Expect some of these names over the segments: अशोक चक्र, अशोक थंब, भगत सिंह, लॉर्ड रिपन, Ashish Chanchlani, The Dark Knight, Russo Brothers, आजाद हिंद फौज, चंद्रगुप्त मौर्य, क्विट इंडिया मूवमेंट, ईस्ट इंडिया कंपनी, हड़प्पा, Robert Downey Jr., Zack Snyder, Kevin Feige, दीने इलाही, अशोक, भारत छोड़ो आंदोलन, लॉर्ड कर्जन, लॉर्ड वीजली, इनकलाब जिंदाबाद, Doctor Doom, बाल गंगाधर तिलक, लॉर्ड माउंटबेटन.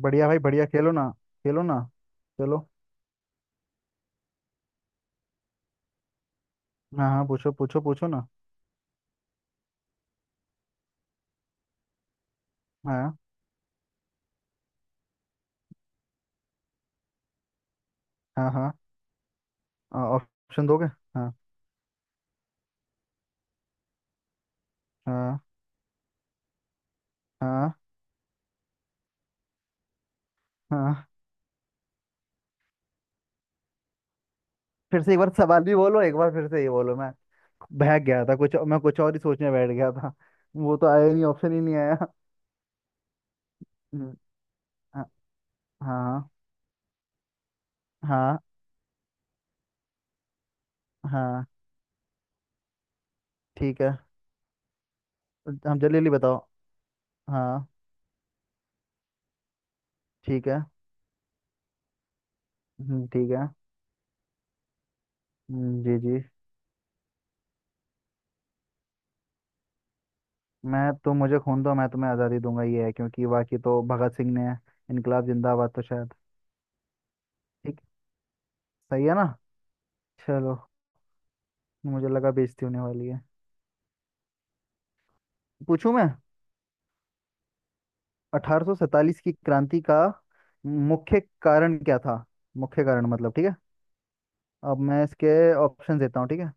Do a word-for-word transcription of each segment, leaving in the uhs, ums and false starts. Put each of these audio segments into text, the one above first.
बढ़िया भाई बढ़िया। खेलो ना। खेलो ना। चलो। हाँ हाँ, पूछो पूछो पूछो ना। हाँ हाँ। हाँ ऑप्शन दोगे? हाँ। हाँ हाँ हाँ। फिर से एक बार सवाल भी बोलो, एक बार फिर से ये बोलो। मैं बहक गया था कुछ, मैं कुछ और ही सोचने बैठ गया था। वो तो आया ही नहीं, ऑप्शन ही नहीं आया। हम्म, हाँ हाँ। हाँ हाँ ठीक है। हम जल्दी जल्दी बताओ। हाँ ठीक है। हम्म, ठीक है। हम्म, जी जी। मैं तुम मुझे खून दो मैं तुम्हें आज़ादी दूंगा, ये है। क्योंकि बाकी तो भगत सिंह ने इनकलाब जिंदाबाद, तो शायद ठीक। सही है ना? चलो। मुझे लगा बेइज्जती होने वाली है। पूछूं मैं? अठारह सौ सैंतालीस की क्रांति का मुख्य कारण क्या था? मुख्य कारण मतलब, ठीक है। अब मैं इसके ऑप्शन देता हूँ, ठीक है।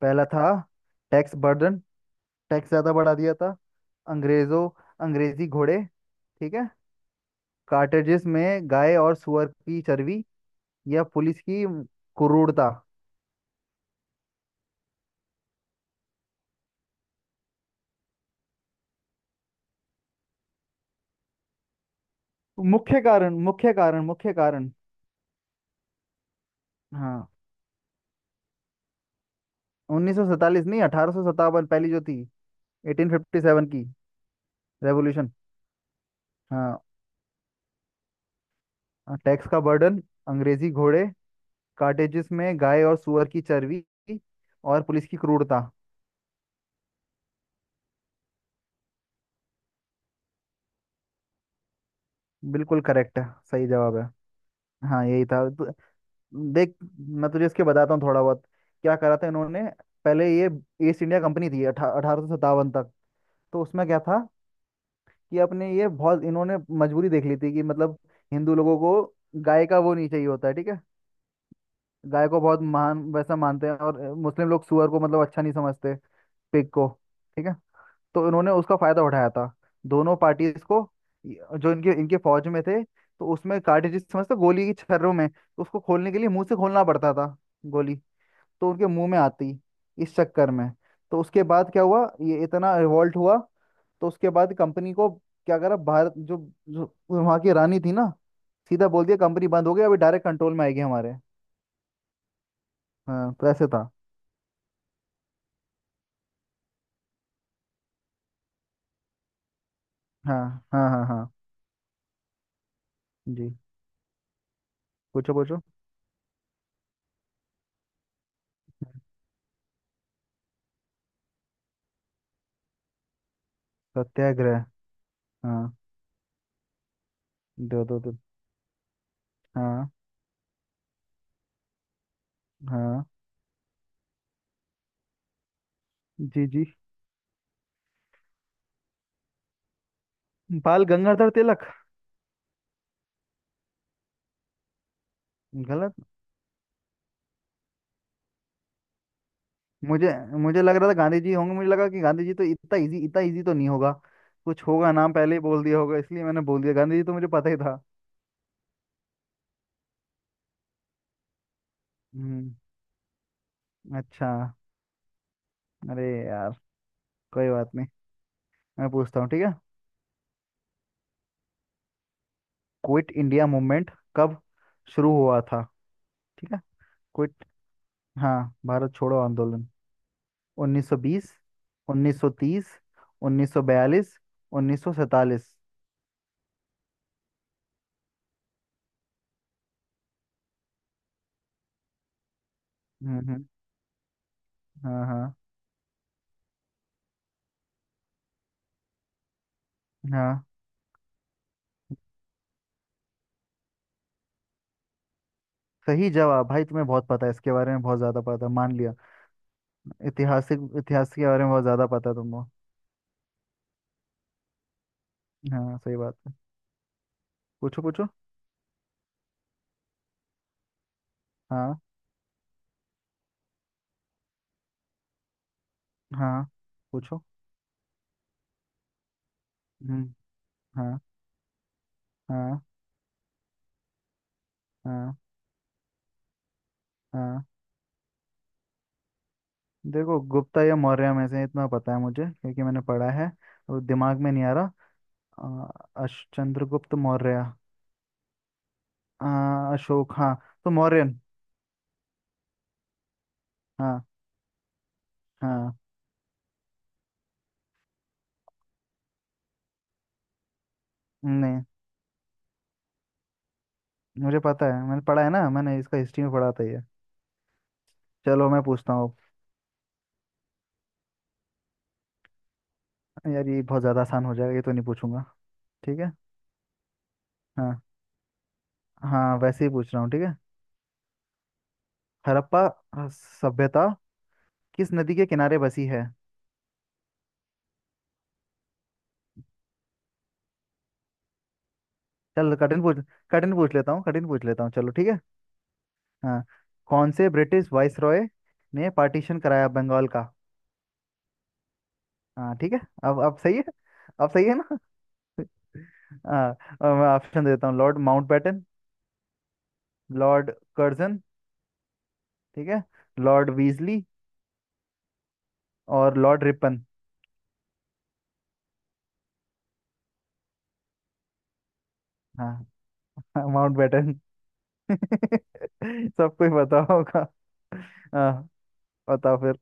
पहला था टैक्स बर्डन, टैक्स ज्यादा बढ़ा दिया था अंग्रेजों। अंग्रेजी घोड़े, ठीक है। कार्टेजेस में गाय और सुअर की चर्बी, या पुलिस की क्रूरता। मुख्य कारण, मुख्य कारण, मुख्य कारण। हाँ, उन्नीस सौ सैतालीस नहीं, अठारह सौ सत्तावन, पहली जो थी। एटीन फ़िफ़्टी सेवन की रेवोल्यूशन। हाँ, टैक्स का बर्डन, अंग्रेजी घोड़े, कार्टेजेस में गाय और सुअर की चर्बी, और पुलिस की क्रूरता। बिल्कुल करेक्ट है, सही जवाब है। हाँ यही था तो। देख, मैं तुझे इसके बताता हूँ थोड़ा बहुत, क्या करा था इन्होंने। पहले ये ईस्ट इंडिया कंपनी थी अठा अठारह सौ सत्तावन तक। तो उसमें क्या था कि अपने ये बहुत इन्होंने मजबूरी देख ली थी कि मतलब हिंदू लोगों को गाय का वो नहीं चाहिए होता है, ठीक है। गाय को बहुत महान वैसा मानते हैं, और अ, मुस्लिम लोग सुअर को मतलब अच्छा नहीं समझते, पिग को, ठीक है। तो इन्होंने उसका फायदा उठाया था, दोनों पार्टीज को। य- जो इनके इनके फौज में थे, तो उसमें कार्टिज समझते हो, गोली की छर्रों में, तो उसको खोलने के लिए मुंह से खोलना पड़ता था। गोली तो उनके मुंह में आती, इस चक्कर में। तो उसके बाद क्या हुआ, ये इतना रिवोल्ट हुआ। तो उसके बाद कंपनी को क्या करा, भारत जो, जो वहाँ की रानी थी ना, सीधा बोल दिया कंपनी बंद हो गई, अभी डायरेक्ट कंट्रोल में आएगी हमारे। हाँ तो ऐसे था। हाँ हाँ हाँ। हाँ जी, पूछो पूछो। सत्याग्रह। हाँ, दो दो दो। हाँ हाँ। जी जी। बाल गंगाधर तिलक। गलत। मुझे मुझे लग रहा था गांधी जी होंगे। मुझे लगा कि गांधी जी तो, इतना इजी इतना इजी तो नहीं होगा, कुछ होगा, नाम पहले ही बोल दिया होगा, इसलिए मैंने बोल दिया। गांधी जी तो मुझे पता ही था। हम्म। अच्छा, अरे यार, कोई बात नहीं। मैं पूछता हूँ, ठीक है। क्विट इंडिया मूवमेंट कब शुरू हुआ था? ठीक है, क्विट, हाँ, भारत छोड़ो आंदोलन। उन्नीस सौ बीस, उन्नीस सौ तीस, उन्नीस सौ बयालीस, उन्नीस सौ सैतालीस। हम्म हम्म, हाँ हाँ। हाँ सही जवाब भाई, तुम्हें बहुत पता है इसके बारे में, बहुत ज्यादा पता है, मान लिया। ऐतिहासिक इतिहास के बारे में बहुत ज्यादा पता है तुमको। हाँ सही बात है। पूछो पूछो। हाँ हाँ पूछो। हम्म। हाँ हाँ हाँ हाँ। देखो, गुप्ता या मौर्य में से इतना पता है मुझे, क्योंकि मैंने पढ़ा है, वो दिमाग में नहीं आ रहा। अ, अश चंद्रगुप्त मौर्य, अ, अशोक, हाँ तो मौर्यन। हाँ हाँ, नहीं मुझे पता है, मैंने पढ़ा है ना, मैंने इसका हिस्ट्री में पढ़ा था ये। चलो मैं पूछता हूँ। अब। यार ये बहुत ज़्यादा आसान हो जाएगा, ये तो नहीं पूछूंगा। ठीक है। हाँ। हाँ वैसे ही पूछ रहा हूँ, ठीक है। हड़प्पा अ, सभ्यता किस नदी के किनारे बसी है? चल कठिन पूछ। कठिन पूछ लेता हूँ, कठिन पूछ लेता हूँ, चलो ठीक है। हाँ। कौन से ब्रिटिश वाइस रॉय ने पार्टीशन कराया बंगाल का? हाँ ठीक है। अब अब सही है। अब सही है ना? हाँ। अब मैं ऑप्शन देता हूँ। लॉर्ड माउंटबेटन, लॉर्ड कर्जन, ठीक है, लॉर्ड वीजली, और लॉर्ड रिपन। हाँ, माउंट बैटन। सबको ही पता होगा। हाँ बताओ फिर।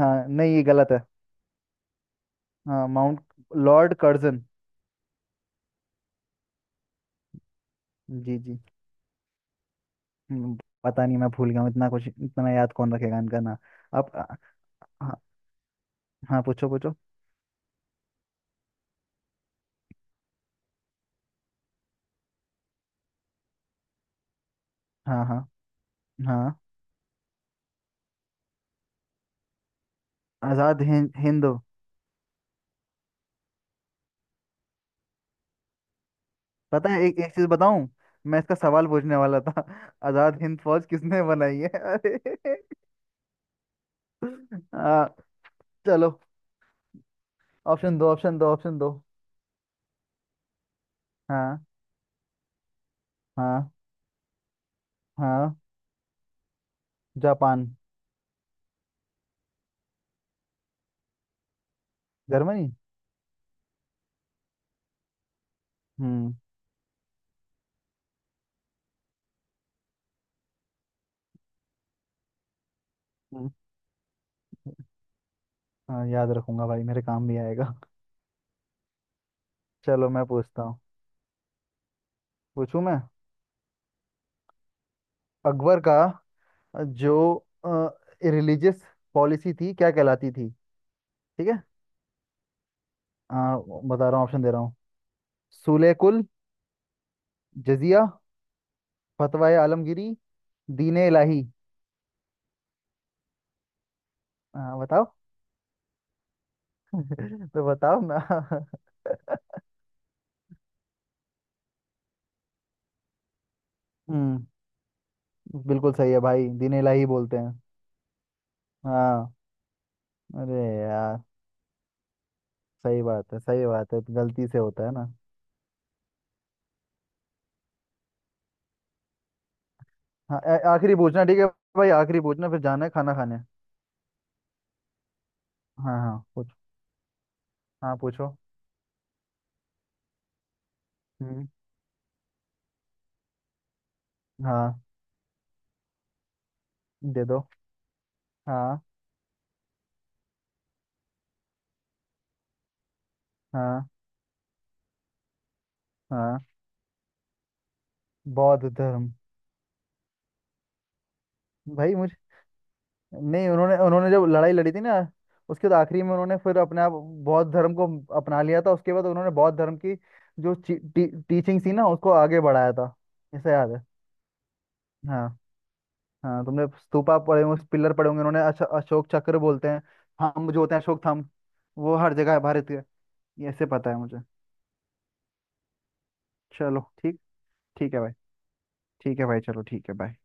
हाँ, नहीं, ये गलत है। हाँ माउंट, लॉर्ड कर्जन। जी जी। हम्म, पता नहीं, मैं भूल गया हूँ, इतना कुछ इतना याद कौन रखेगा इनका ना। अब। हाँ हाँ, पूछो पूछो। हाँ हाँ हाँ। आजाद हिंद हिंद। पता है, एक एक चीज बताऊं, मैं इसका सवाल पूछने वाला था। आजाद हिंद फौज किसने बनाई है? अरे। हाँ चलो। ऑप्शन दो, ऑप्शन दो, ऑप्शन दो। हाँ हाँ हाँ। जापान। जर्मनी। हम्म हम्म, हाँ याद रखूंगा भाई, मेरे काम भी आएगा। चलो मैं पूछता हूँ। पूछूं मैं? अकबर का अ, जो रिलीजियस पॉलिसी थी, क्या कहलाती थी, ठीक है। आ, बता रहा हूँ, ऑप्शन दे रहा हूँ। सूले कुल, जजिया, फतवाए आलमगीरी, दीने इलाही। आ, बताओ। तो बताओ ना। हम्म। बिल्कुल सही है भाई, दीने इलाही बोलते हैं। हाँ, अरे यार। सही बात है, सही बात है, गलती से होता है ना। हाँ, आ- आखिरी पूछना, ठीक है भाई, आखिरी पूछना, फिर जाना है खाना खाने। हाँ हाँ पूछ। हाँ पूछो। हम्म। हाँ, दे दो। हाँ हाँ हाँ। बौद्ध धर्म। भाई मुझे, नहीं, उन्होंने उन्होंने जब लड़ाई लड़ी थी ना, उसके बाद आखिरी में उन्होंने फिर अपने आप बौद्ध धर्म को अपना लिया था। उसके बाद उन्होंने बौद्ध धर्म की जो टी, टी, टीचिंग थी ना, उसको आगे बढ़ाया था। ऐसा याद है। हाँ हाँ, तुमने स्तूपा पड़े होंगे, पिलर पड़े होंगे, उन्होंने अशो- अशोक चक्र बोलते हैं, थंब जो होते हैं, अशोक थंब, वो हर जगह है भारत के। ये ऐसे पता है मुझे। चलो ठीक। ठीक है भाई। ठीक है भाई, चलो ठीक है भाई।